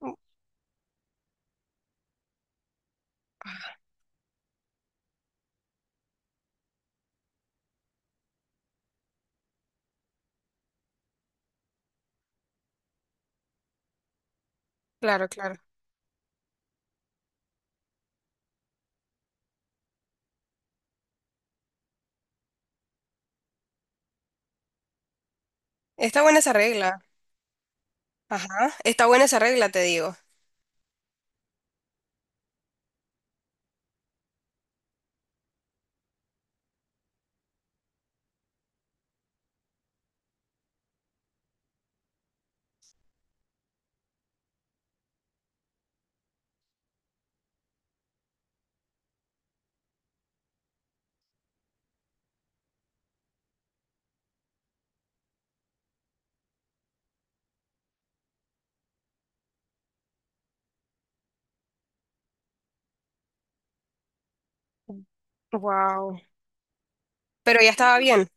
Mm. Claro, claro. Está buena esa regla. Ajá. Está buena esa regla, te digo. Wow. Pero ya estaba bien,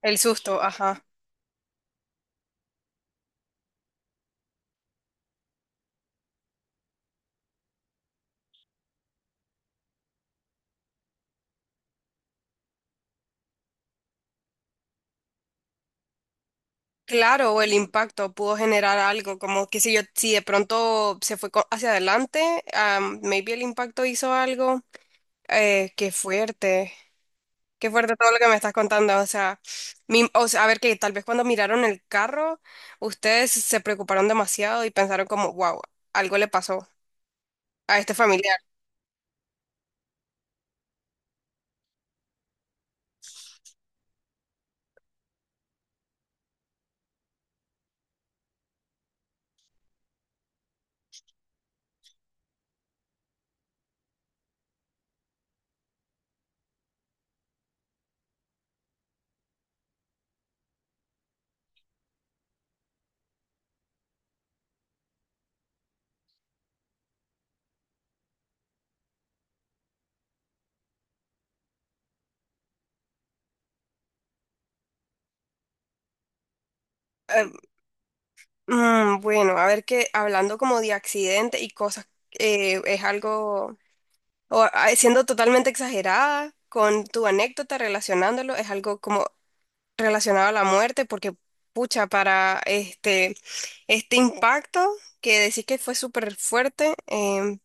el susto, ajá. Claro, o el impacto pudo generar algo, como que si yo, si de pronto hacia adelante, maybe el impacto hizo algo. Eh, qué fuerte, Qué fuerte todo lo que me estás contando. O sea, a ver que tal vez cuando miraron el carro, ustedes se preocuparon demasiado y pensaron como, wow, algo le pasó a este familiar. Em, bueno, a ver que hablando como de accidentes y cosas, es algo, o, ah, siendo totalmente exagerada con tu anécdota relacionándolo, es algo como relacionado a la muerte, porque pucha, este impacto que decís que fue súper fuerte.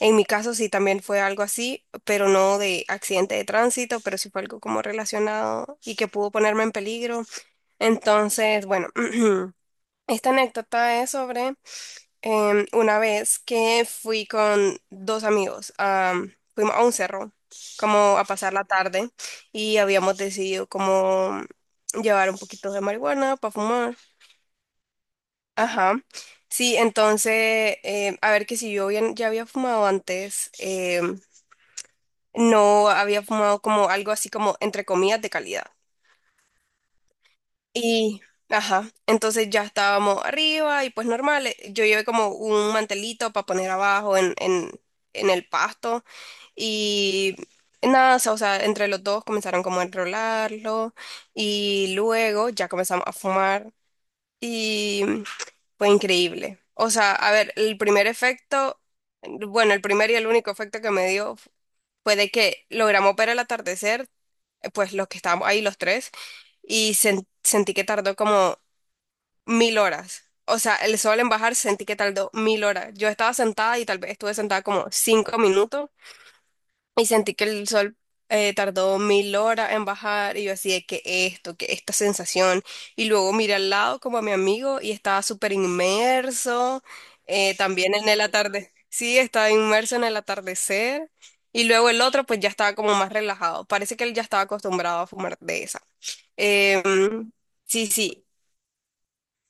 En mi caso sí también fue algo así, pero no de accidente de tránsito, pero sí fue algo como relacionado y que pudo ponerme en peligro. Entonces, bueno, esta anécdota es sobre... Una vez que fui con dos amigos, fuimos a un cerro, como a pasar la tarde, y habíamos decidido como llevar un poquito de marihuana para fumar. Ajá. Sí, entonces, a ver que si yo bien- ya había fumado antes, no había fumado como algo así como entre comillas de calidad. Y, ajá, entonces ya estábamos arriba y pues normal, yo llevé como un mantelito para poner abajo en el pasto y nada, o sea, entre los dos comenzaron como a enrolarlo y luego ya comenzamos a fumar y fue increíble. O sea, a ver, el primer efecto, bueno, el primer y el único efecto que me dio fue de que logramos ver el atardecer, pues los que estábamos ahí los tres y sentí que tardó como mil horas. O sea, el sol en bajar sentí que tardó mil horas. Yo estaba sentada y tal vez estuve sentada como cinco minutos y sentí que el sol tardó mil horas en bajar y yo así de que esto, que esta sensación. Y luego miré al lado como a mi amigo y estaba súper inmerso también en el atardecer. Sí, estaba inmerso en el atardecer. Y luego el otro pues ya estaba como más relajado. Parece que él ya estaba acostumbrado a fumar de esa. Em, sí,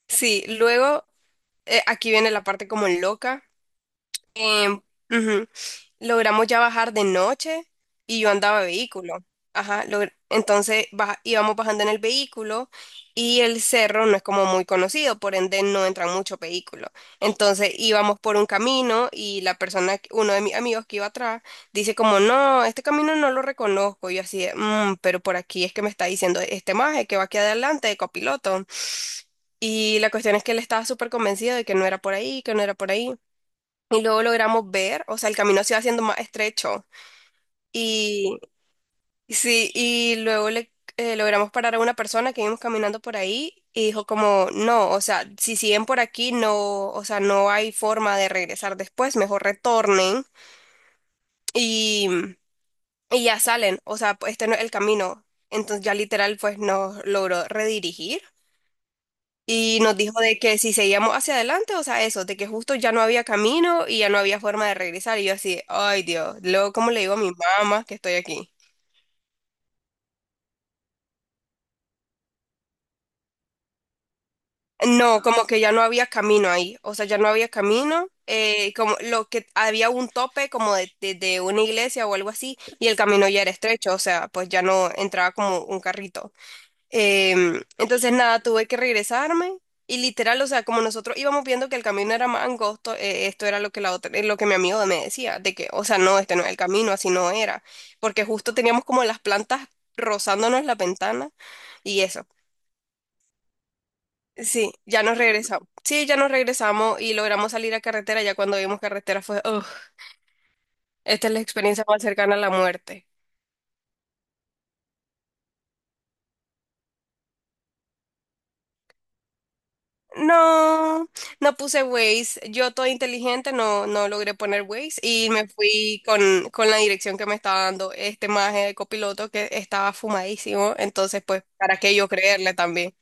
sí. Luego aquí viene la parte como loca. Em, Ujú. Logramos ya bajar de noche y yo andaba vehículo. Ajá, íbamos bajando en el vehículo y el cerro no es como muy conocido, por ende no entran muchos vehículos. Entonces íbamos por un camino y uno de mis amigos que iba atrás, dice como, no, este camino no lo reconozco. Y yo así, de, "Mm, pero por aquí es que me está diciendo este maje que va aquí adelante de copiloto. Y la cuestión es que él estaba súper convencido de que no era por ahí, que no era por ahí. Y luego logramos ver, o sea, el camino se iba haciendo más estrecho. Y sí, y luego le logramos parar a una persona que íbamos caminando por ahí y dijo como, no, o sea, si siguen por aquí, no, o sea, no hay forma de regresar después, mejor retornen y, y ya salen, o sea, pues, este no es el camino. Entonces ya literal pues nos logró redirigir. Y nos dijo de que si seguíamos hacia adelante, o sea, eso, de que justo ya no había camino y ya no había forma de regresar. Y yo así, ay Dios, luego, ¿cómo le digo a mi mamá que estoy aquí? No, como que ya no había camino ahí, o sea, ya no había camino, como lo que había un tope como de una iglesia o algo así, y el camino ya era estrecho, o sea, pues ya no entraba como un carrito. Entonces, nada, tuve que regresarme y literal, o sea, como nosotros íbamos viendo que el camino era más angosto, esto era lo que lo que mi amigo me decía, de que, o sea, no, este no es el camino, así no era, porque justo teníamos como las plantas rozándonos la ventana y eso. Sí, ya nos regresamos. Sí, ya nos regresamos y logramos salir a carretera. Ya cuando vimos carretera fue, "Ugh, esta es la experiencia más cercana a la muerte. No, no puse Waze. Yo toda inteligente no, no logré poner Waze y me fui con la dirección que me estaba dando este maje de copiloto que estaba fumadísimo. Entonces, pues, ¿para qué yo creerle también?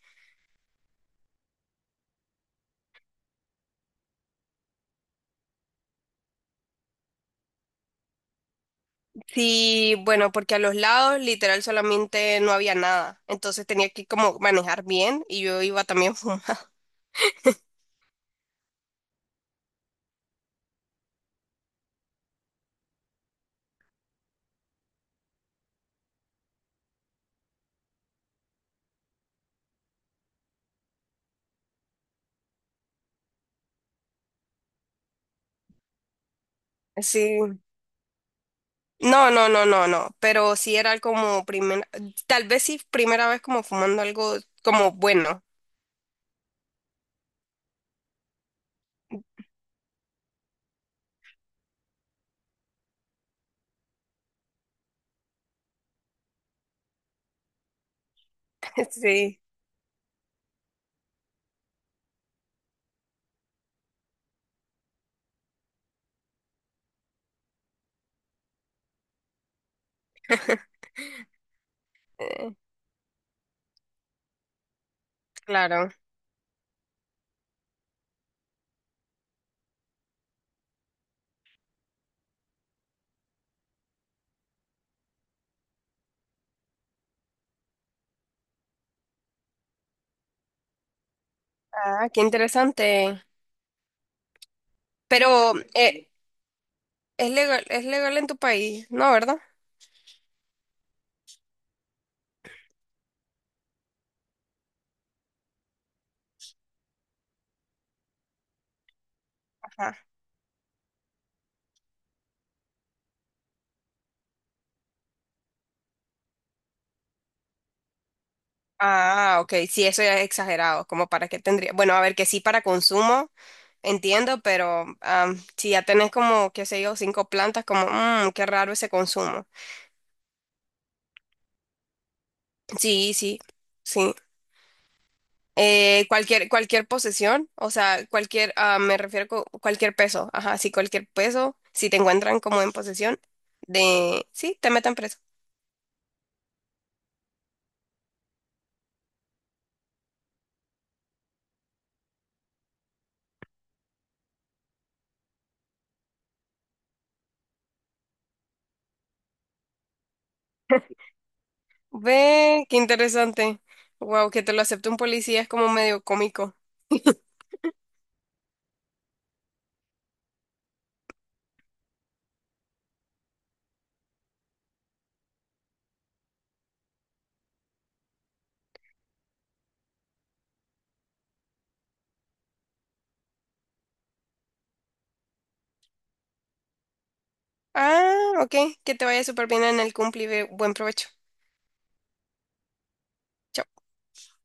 Sí, bueno, porque a los lados literal solamente no había nada. Entonces tenía que como manejar bien y yo iba también fumada. Sí. No, no, no, no, no. Pero sí era como primera, tal vez sí primera vez como fumando algo como bueno. Sí. Claro. Ah, qué interesante. Pero es legal en tu país, ¿no, verdad? Ajá. Ah, ok, sí, eso ya es exagerado, como para qué tendría. Bueno, a ver, que sí para consumo, entiendo, pero si ya tenés como, qué sé yo, cinco plantas, como, mmm, qué raro ese consumo. Sí, sí, sí. Cualquier posesión, o sea, cualquier, ah, me refiero con cualquier peso, ajá, sí, cualquier peso, si te encuentran como en posesión de, sí, te meten preso. Ve, qué interesante. Wow, que te lo acepte un policía es como medio cómico. Ah, ok, que te vaya súper bien en el cumple y buen provecho. Chao.